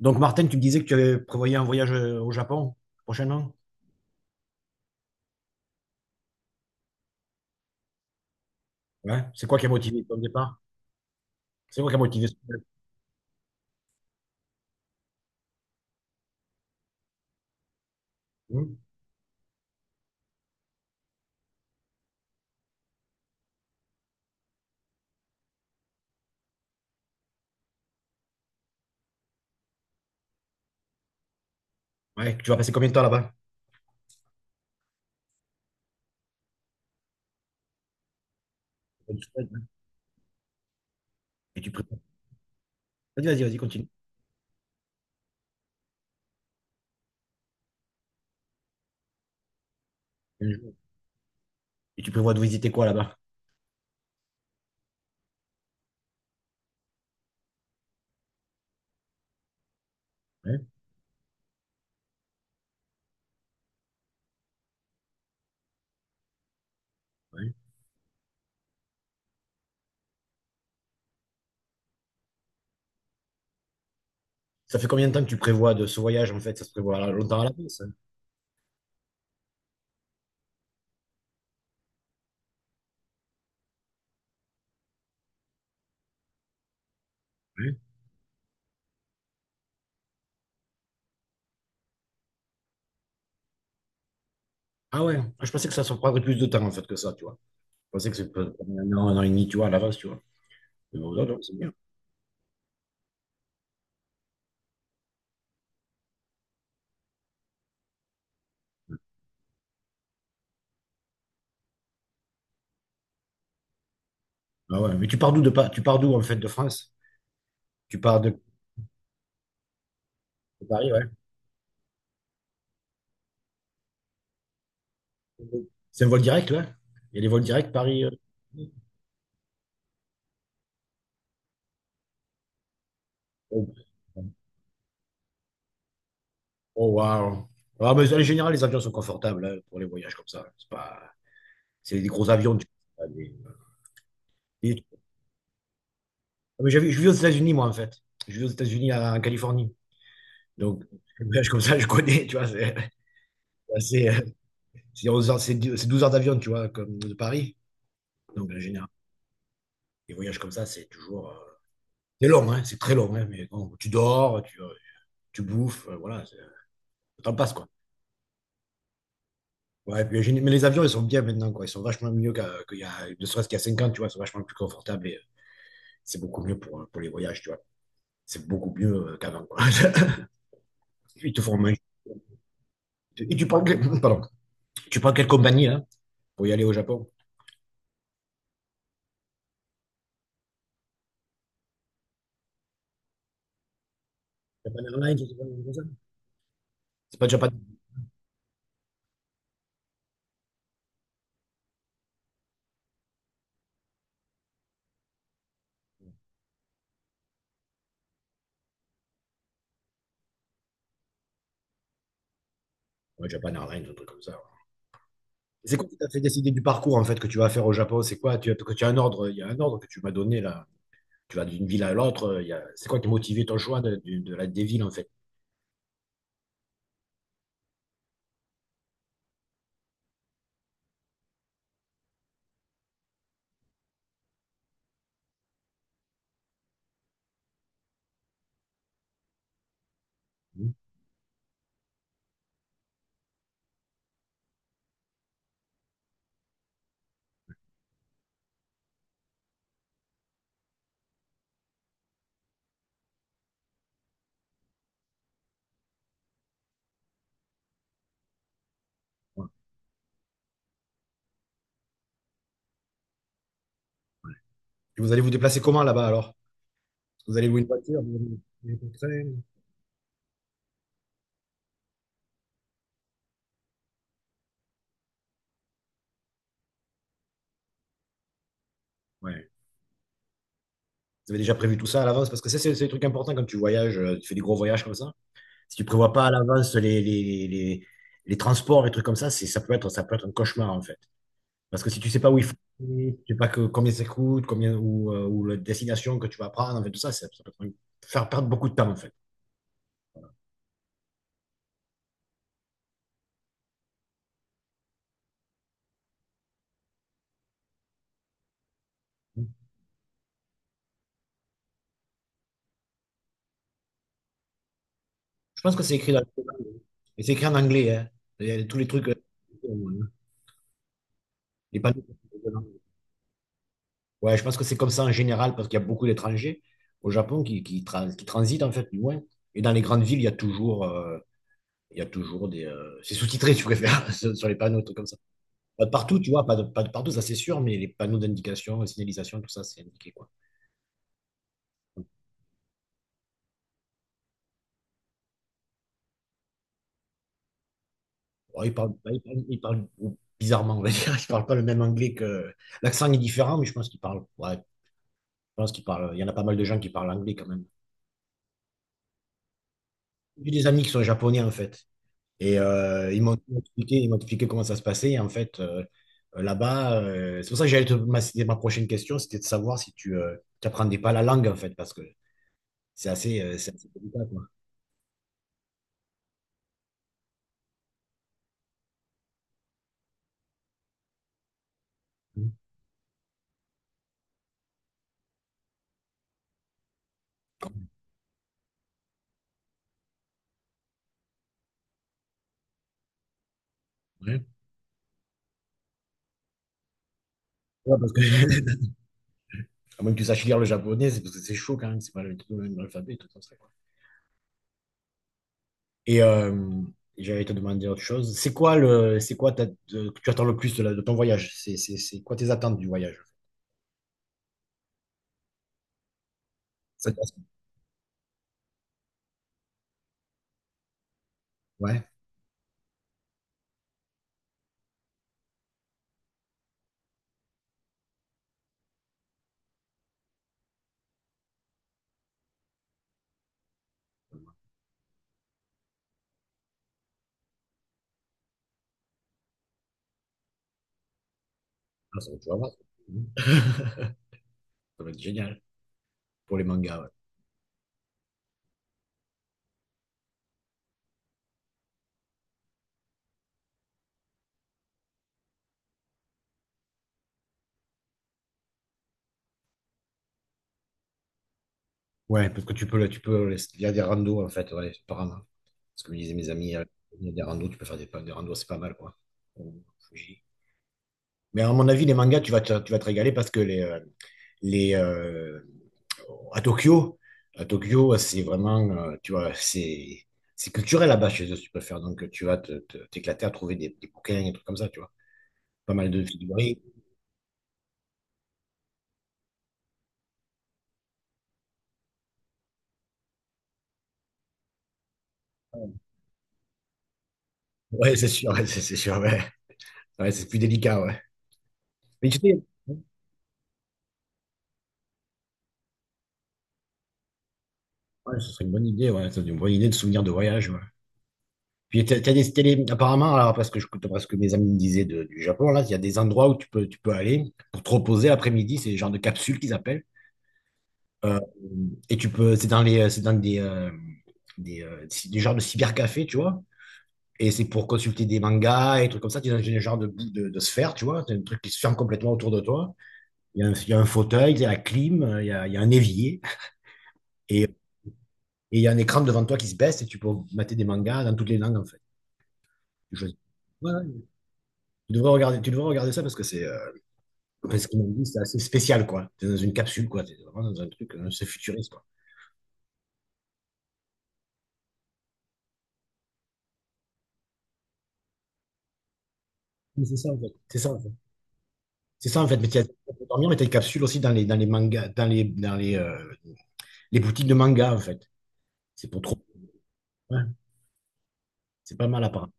Donc, Martin, tu me disais que tu avais prévoyé un voyage au Japon prochainement? Ouais. C'est quoi qui a motivé ton départ? C'est quoi qui a motivé ce voyage? Hmm. Ouais, tu vas passer combien de temps là-bas? Et tu prévois... Vas-y, continue. Un jour. Et tu prévois de visiter quoi là-bas? Ouais, ouais. Ça fait combien de temps que tu prévois de ce voyage en fait? Ça se prévoit longtemps à l'avance, hein? Ouais. Ah ouais. Ah, je pensais que ça se prendrait plus de temps en fait que ça, tu vois. Je pensais que un an et demi, tu vois, à l'avance, tu vois. Mais bon, non, c'est bien. Ah ouais, mais tu pars d'où de pas... Tu pars d'où en fait de France? Tu pars de Paris, ouais. C'est un vol direct, là? Il y a des vols directs Paris. Oh, oh, waouh. Ah, mais en général, les avions sont confortables, hein, pour les voyages comme ça. C'est pas... c'est des gros avions, tu vois, des- ah, mais je vis aux États-Unis, moi, en fait. Je vis aux États-Unis, en Californie. Donc, les voyages comme ça, je connais, tu vois. C'est assez, c'est 11 heures- c'est 10 c'est 12 heures d'avion, tu vois, comme de Paris. Donc, en général, les voyages comme ça, c'est toujours. C'est long, hein, c'est très long, hein, mais bon, tu dors, tu bouffes, voilà, le temps passe, quoi. Ouais, puis mais les avions, ils sont bien maintenant, quoi. Ils sont vachement mieux qu'il y a, ne serait-ce qu'il y a 5 ans, tu vois, ils sont vachement plus confortables et c'est beaucoup mieux pour les voyages, tu vois. C'est beaucoup mieux qu'avant, quoi. Ils te font manger. Et pardon, tu prends quelle compagnie, là, pour y aller au Japon? Japan Airlines, je sais pas, un comme ça. C'est pas Japan. Ouais, Japan Airlines, un truc comme ça, ouais. C'est quoi qui t'a fait décider du parcours, en fait, que tu vas faire au Japon? C'est quoi? Tu as un ordre, il y a un ordre que tu m'as donné, là. Tu vas d'une ville à l'autre. C'est quoi qui a motivé ton choix des villes, en fait? Hmm? Et vous allez vous déplacer comment là-bas alors? Vous allez louer une voiture? Vous allez vous ouais. Vous avez déjà prévu tout ça à l'avance? Parce que ça, c'est le truc important quand tu voyages, tu fais des gros voyages comme ça. Si tu prévois pas à l'avance transports, les trucs comme ça, c'est, ça peut être un cauchemar en fait. Parce que si tu sais pas où il faut, aller, tu sais pas que, combien ça coûte, combien, ou la destination que tu vas prendre, en fait, tout ça, ça peut te faire perdre beaucoup de temps en fait. Je pense que c'est écrit dans le programme, hein. Et c'est écrit en anglais, hein. Il y a tous les trucs, les panneaux. Ouais, je pense que c'est comme ça en général, parce qu'il y a beaucoup d'étrangers au Japon qui, qui transitent, en fait, du moins. Et dans les grandes villes, il y a toujours, il y a toujours des. C'est sous-titré, tu préfères, sur sur les panneaux, des trucs comme ça. Pas de partout, tu vois, pas de partout, ça c'est sûr, mais les panneaux d'indication, signalisation, tout ça, c'est indiqué, quoi. Bon, ils parlent, pas- ils parlent bizarrement, on va dire. Ils parlent pas le même anglais que. L'accent est différent, mais je pense qu'ils parlent. Ouais, je pense qu'ils parlent. Il y en a pas mal de gens qui parlent anglais quand même. J'ai des amis qui sont japonais, en fait. Et ils m'ont expliqué comment ça se passait. Et en fait, là-bas, c'est pour ça que c'était ma prochaine question, c'était de savoir si tu n'apprenais pas la langue, en fait, parce que c'est assez délicat, quoi. Mhm. Ouais. Ouais, parce que, à moins que tu saches lire le japonais, c'est parce que c'est chaud quand même, c'est pas le, tout le même alphabet, tout comme ça, quoi. Et j'allais te demander autre chose. C'est quoi le, c'est quoi ta- de- que tu attends le plus de, de ton voyage? C'est quoi tes attentes du voyage? Ça te passe- ouais, ah, ça, tu vas voir. Mhm. Ça va être génial pour les mangas, ouais. Ouais, parce que tu peux, il y a des randos en fait, ouais, c'est pas grave. Parce que me disaient mes amis, il y a des randos, tu peux faire des randos, c'est pas mal quoi. Au Fuji. Mais à mon avis, les mangas, tu vas te régaler parce que les, les euh, à Tokyo, à Tokyo, c'est vraiment, tu vois, c'est culturel là-bas chez eux, si tu peux faire. Donc tu vas t'éclater à trouver des bouquins et des trucs comme ça, tu vois. Pas mal de figurines. Ouais, c'est sûr, ouais, c'est sûr, ouais. Ouais, c'est plus délicat, ouais. Mais tu sais, ouais, ce serait une bonne idée, ouais, c'est une bonne idée de souvenir de voyage, ouais. Puis t'as des- apparemment, alors, parce que, je, parce que mes amis me disaient de- du Japon, là, il y a des endroits où tu peux aller pour te reposer l'après-midi, c'est le genre de capsule qu'ils appellent. Euh, et tu peux, c'est dans les, c'est dans des, ci- des genres de cybercafés, tu vois. Et c'est pour consulter des mangas et trucs comme ça. Tu es dans un genre de, de sphère, tu vois. C'est un truc qui se ferme complètement autour de toi. Il y a un fauteuil, il y a la clim, il y a un évier. Et il y a un écran devant toi qui se baisse et tu peux mater des mangas dans toutes les langues, en fait. Tu choisis. Ouais, ouais. Tu devrais regarder ça parce que c'est. Parce ce qu'ils m'ont dit, c'est assez spécial, quoi. T'es dans une capsule, quoi. T'es vraiment dans un truc, c'est futuriste, quoi. Mais c'est ça, en fait. C'est ça, en fait. C'est ça, en fait. Mais t'as- tu peux dormir, mais t'as une capsule aussi dans les mangas, les boutiques de mangas, en fait. C'est pour trop, ouais. C'est pas mal, apparemment.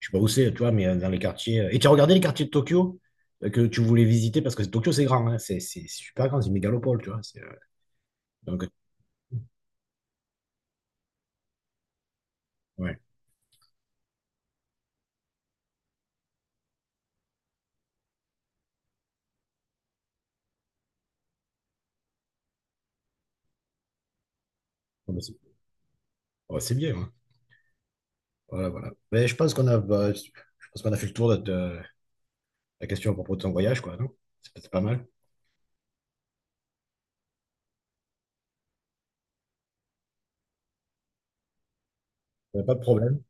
Je sais pas où c'est, tu vois, mais dans les quartiers. Et tu as regardé les quartiers de Tokyo que tu voulais visiter, parce que Tokyo, c'est grand, hein. C'est super grand, c'est une mégalopole, tu vois. C'est, Donc, euh, ouais. Bon, bah, c'est bien, hein. Voilà, voilà. Mais je pense qu'on a, bah, je pense qu'on a fait le tour la question à propos de ton voyage, quoi, non? C'est pas mal. Pas de problème.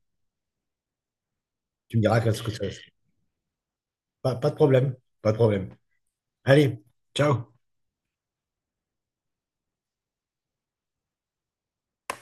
Tu me diras qu'est-ce que c'est. Pas de problème. Pas de problème. Allez, ciao.